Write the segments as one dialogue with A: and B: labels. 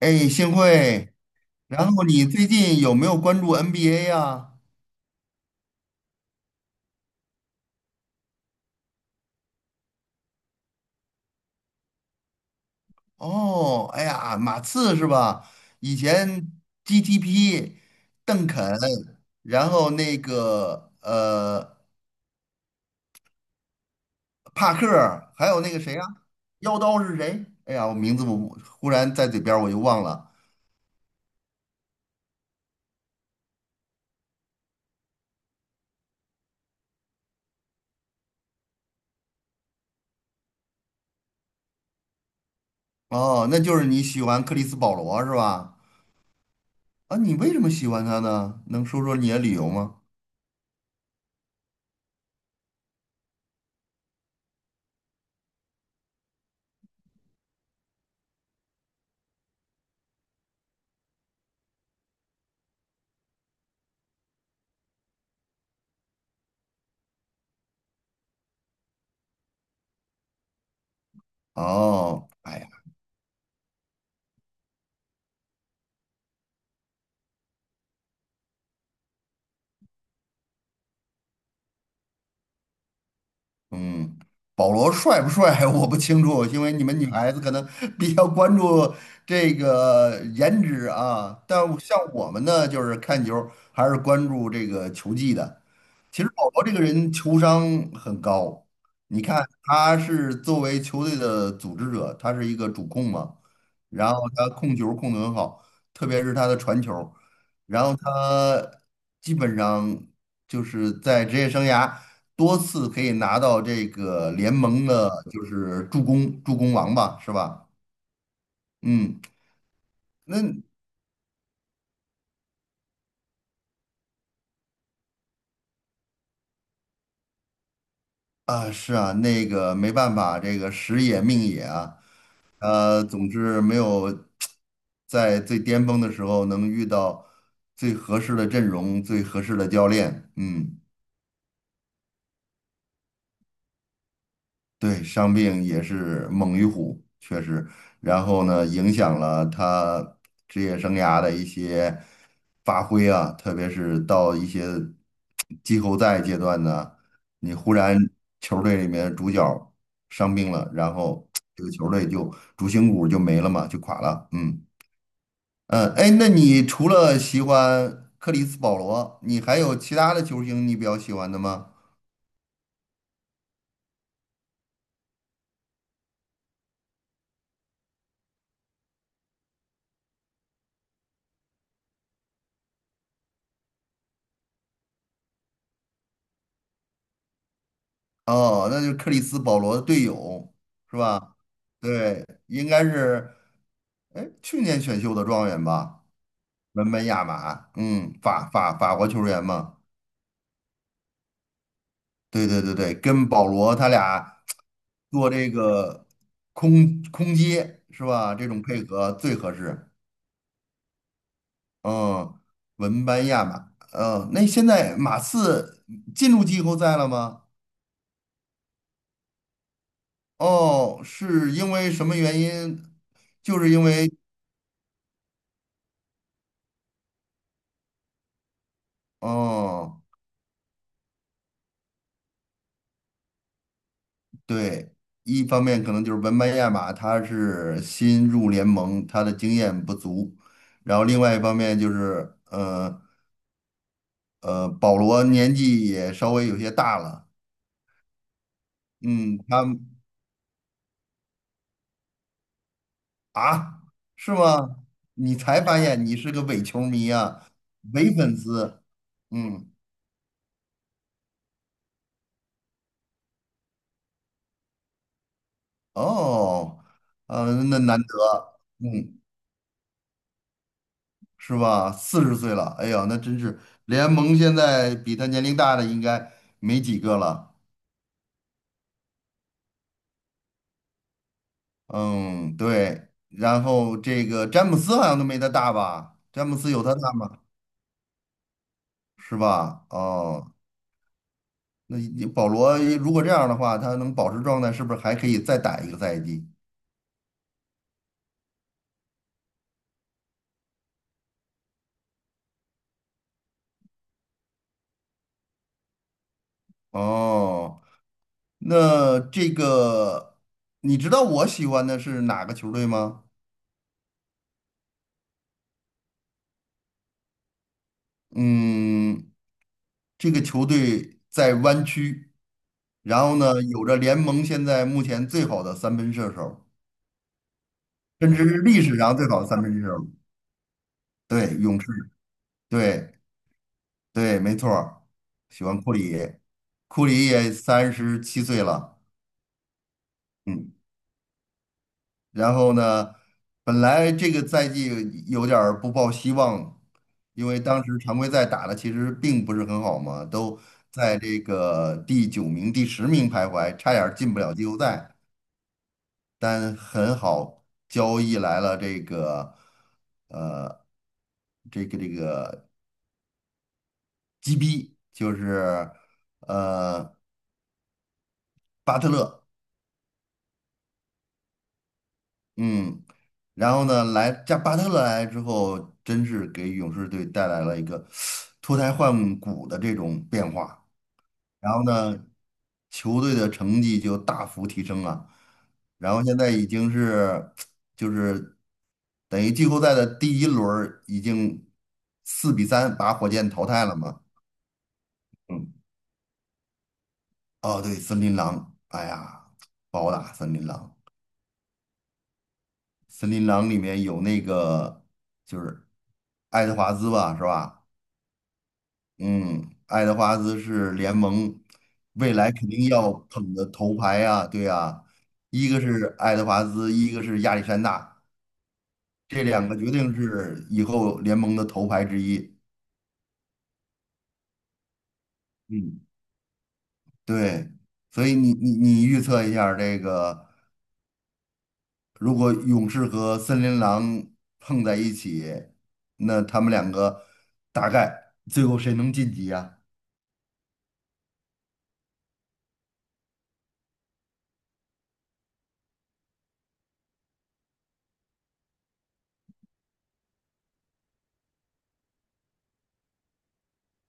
A: 哎，幸会。然后你最近有没有关注 NBA 呀？哦，哎呀，马刺是吧？以前 GTP、邓肯，然后那个帕克，还有那个谁呀、妖刀是谁？哎呀，我名字我忽然在嘴边儿我就忘了。哦，那就是你喜欢克里斯保罗是吧？啊，你为什么喜欢他呢？能说说你的理由吗？哦，哎呀。嗯，保罗帅不帅 我不清楚，因为你们女孩子可能 比较关注这个颜值啊。但像我们呢，就是看球还是关注这个球技的。其实保罗这个人球商很高，你看他是作为球队的组织者，他是一个主控嘛，然后他控球控得很好，特别是他的传球，然后他基本上就是在职业生涯多次可以拿到这个联盟的，就是助攻王吧，是吧？嗯，那啊是啊，那个没办法，这个时也命也啊。总之没有在最巅峰的时候能遇到最合适的阵容、最合适的教练。嗯，对，伤病也是猛于虎，确实。然后呢，影响了他职业生涯的一些发挥啊，特别是到一些季后赛阶段呢，你忽然球队里面主角伤病了，然后这个球队就主心骨就没了嘛，就垮了。嗯。嗯，哎，那你除了喜欢克里斯保罗，你还有其他的球星你比较喜欢的吗？哦，那就是克里斯保罗的队友是吧？对，应该是，哎，去年选秀的状元吧，文班亚马，嗯，法国球员嘛。对对对对，跟保罗他俩做这个空接是吧？这种配合最合适。嗯，文班亚马，嗯，那现在马刺进入季后赛了吗？哦，是因为什么原因？就是因为，嗯，对，一方面可能就是文班亚马他是新入联盟，他的经验不足，然后另外一方面就是，保罗年纪也稍微有些大了，嗯，他啊，是吗？你才发现你是个伪球迷啊，伪粉丝。嗯，哦，那难得，嗯，是吧？40岁了，哎呀，那真是联盟现在比他年龄大的应该没几个了。嗯，对。然后这个詹姆斯好像都没他大吧？詹姆斯有他大吗？是吧？哦，那你保罗如果这样的话，他能保持状态，是不是还可以再打一个赛季？哦。那这个，你知道我喜欢的是哪个球队吗？嗯，这个球队在湾区，然后呢，有着联盟现在目前最好的三分射手，甚至是历史上最好的三分射手。对，勇士，对对，没错儿喜欢库里，库里也37岁了，嗯。然后呢，本来这个赛季有点儿不抱希望，因为当时常规赛打的其实并不是很好嘛，都在这个第九名、第十名徘徊，差点儿进不了季后赛。但很好，交易来了这个，呃，这个 GB，就是呃巴特勒。嗯，然后呢，来加巴特勒来之后，真是给勇士队带来了一个脱胎换骨的这种变化。然后呢，球队的成绩就大幅提升了。然后现在已经是 就是等于季后赛的第一轮儿已经4-3把火箭淘汰了嘛。嗯，哦，对，森林狼，哎呀，不好打森林狼。森林狼里面有那个就是爱德华兹吧，是吧？嗯，爱德华兹是联盟未来肯定要捧的头牌啊，对啊，一个是爱德华兹，一个是亚历山大，这两个决定是以后联盟的头牌之一。嗯，对，所以你预测一下儿这个，如果勇士和森林狼碰在一起，那他们两个大概最后谁能晋级呀、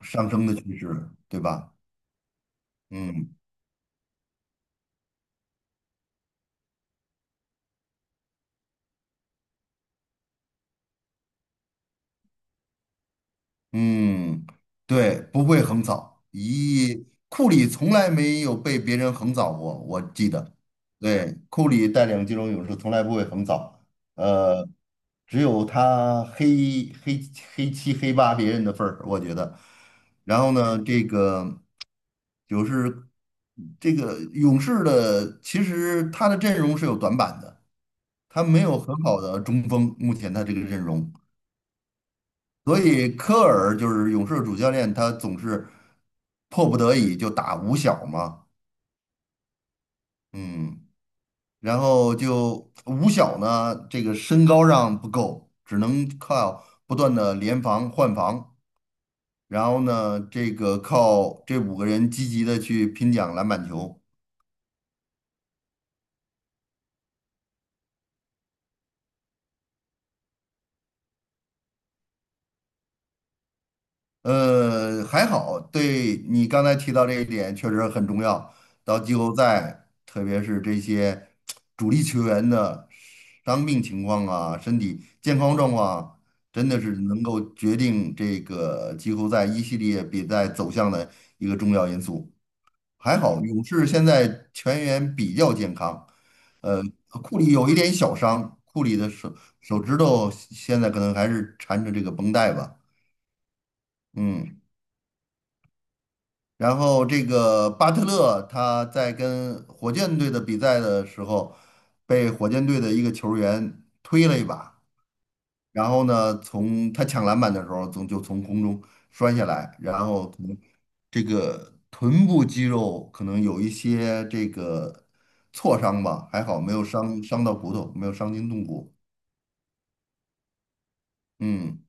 A: 上升的趋势，对吧？嗯嗯，对，不会横扫。咦，库里从来没有被别人横扫过，我记得。对，库里带领金州勇士从来不会横扫，呃，只有他黑七黑八别人的份儿，我觉得。然后呢，这个就是这个勇士的，其实他的阵容是有短板的。他没有很好的中锋，目前他这个阵容，所以科尔就是勇士的主教练，他总是迫不得已就打五小嘛，嗯，然后就五小呢，这个身高上不够，只能靠不断的联防换防，然后呢，这个靠这五个人积极的去拼抢篮板球。还好，对你刚才提到这一点确实很重要。到季后赛，特别是这些主力球员的伤病情况啊、身体健康状况啊，真的是能够决定这个季后赛一系列比赛走向的一个重要因素。还好，勇士现在全员比较健康，呃，库里有一点小伤，库里的手指头现在可能还是缠着这个绷带吧，嗯。然后这个巴特勒他在跟火箭队的比赛的时候，被火箭队的一个球员推了一把，然后呢，从他抢篮板的时候，从就从空中摔下来，然后可能这个臀部肌肉可能有一些这个挫伤吧，还好没有伤到骨头，没有伤筋动骨。嗯。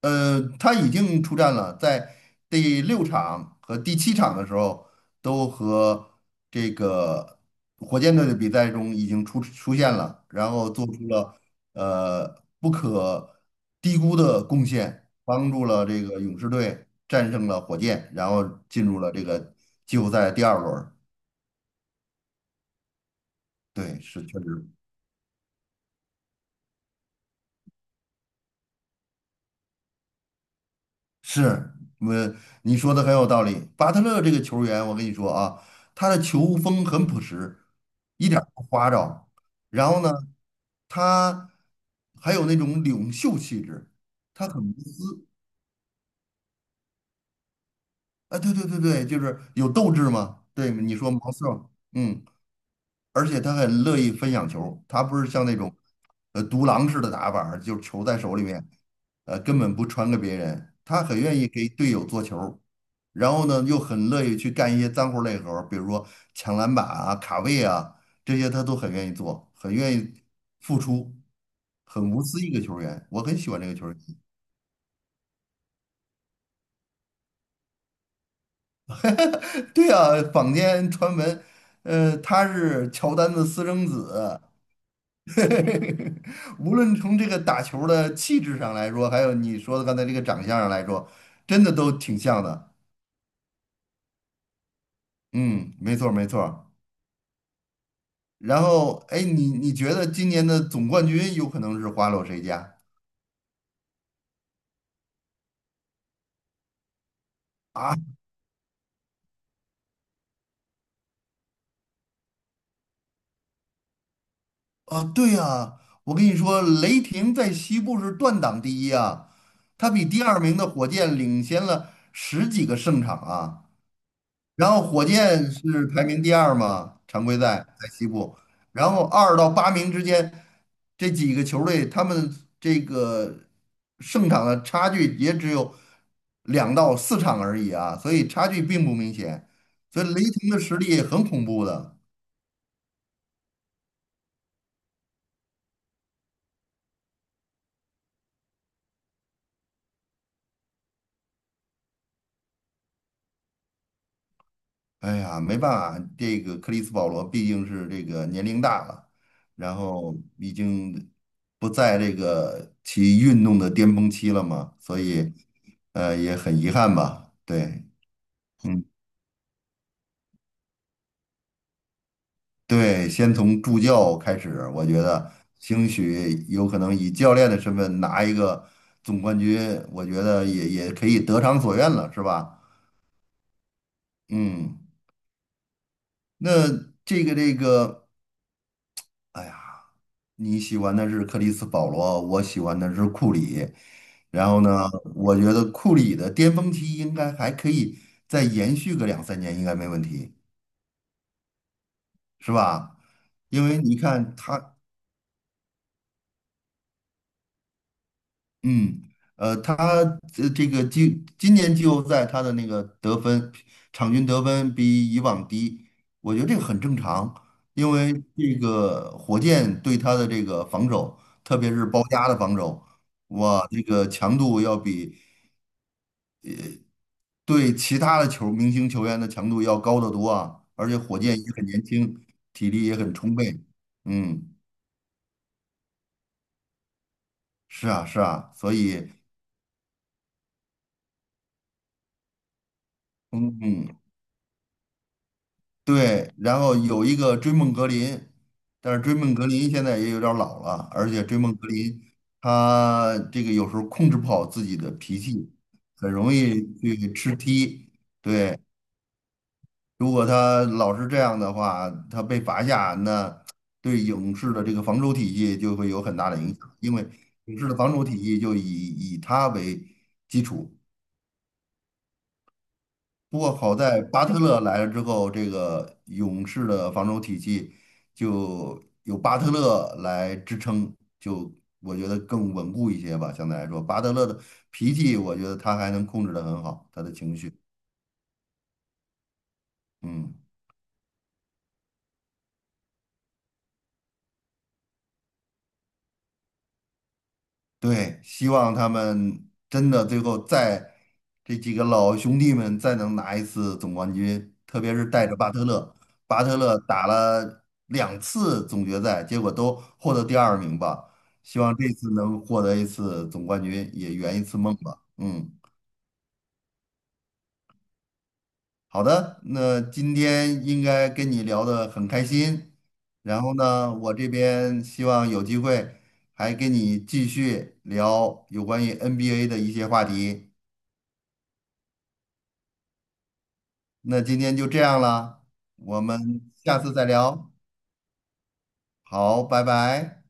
A: 他已经出战了，在第六场和第七场的时候，都和这个火箭队的比赛中已经出现了，然后做出了呃不可低估的贡献，帮助了这个勇士队战胜了火箭，然后进入了这个季后赛第二轮儿对，是确实。是，我你说的很有道理。巴特勒这个球员，我跟你说啊，他的球风很朴实，一点儿不花哨。然后呢，他还有那种领袖气质，他很无私。啊，对对对对，就是有斗志嘛。对，你说毛瑟，嗯。而且他很乐意分享球，他不是像那种独狼式的打法儿就是球在手里面，根本不传给别人，他很愿意给队友做球，然后呢又很乐意去干一些脏活累活儿比如说抢篮板啊、卡位啊这些，他都很愿意做，很愿意付出，很无私一个球员，我很喜欢这个球员。对啊，坊间传闻，他是乔丹的私生子，无论从这个打球儿的气质上来说，还有你说的刚才这个长相上来说，真的都挺像的。嗯，没错儿没错儿然后，哎，你你觉得今年的总冠军有可能是花落谁家啊？啊，对呀，我跟你说，雷霆在西部是断档第一啊，他比第二名的火箭领先了十几个胜场啊。然后火箭是排名第二嘛，常规赛在西部，然后二到八名之间这几个球队，他们这个胜场的差距也只有两到四场而已啊，所以差距并不明显，所以雷霆的实力很恐怖的。哎呀，没办法，这个克里斯保罗毕竟是这个年龄大了，然后已经不在这个其运动的巅峰期了嘛，所以也很遗憾吧。对，嗯，对，先从助教开始，我觉得兴许有可能以教练的身份拿一个总冠军，我觉得也可以得偿所愿了，是吧？嗯，那这个，哎呀。你喜欢的是克里斯保罗，我喜欢的是库里。然后呢，我觉得库里的巅峰期应该还可以再延续个两三年，应该没问题，是吧？因为你看他，嗯，他这个今年季后赛他的那个得分，场均得分比以往低，我觉得这个很正常，因为这个火箭对他的这个防守，特别是包夹的防守。哇，这个强度要比对其他的球明星球员的强度要高得多啊，而且火箭也很年轻，体力也很充沛。嗯，是啊，是啊，所以，嗯嗯，对，然后有一个追梦格林，但是追梦格林现在也有点儿老了，而且追梦格林他这个有时候控制不好自己的脾气，很容易去吃踢。对，如果他老是这样的话，他被罚下，那对勇士的这个防守体系就会有很大的影响，因为勇士的防守体系就以他为基础。不过好在巴特勒来了之后，这个勇士的防守体系就有巴特勒来支撑，就我觉得更稳固一些吧。相对来说，巴特勒的脾气，我觉得他还能控制得很好，他的情绪，嗯。对，希望他们真的最后再这几个老兄弟们再能拿一次总冠军，特别是带着巴特勒，巴特勒打了两次总决赛，结果都获得第二名吧。希望这次能获得一次总冠军，也圆一次梦吧。嗯，好的，那今天应该跟你聊得很开心，然后呢，我这边希望有机会还跟你继续聊有关于 NBA 的一些话题。那今天就这样了，我们下次再聊。好，拜拜。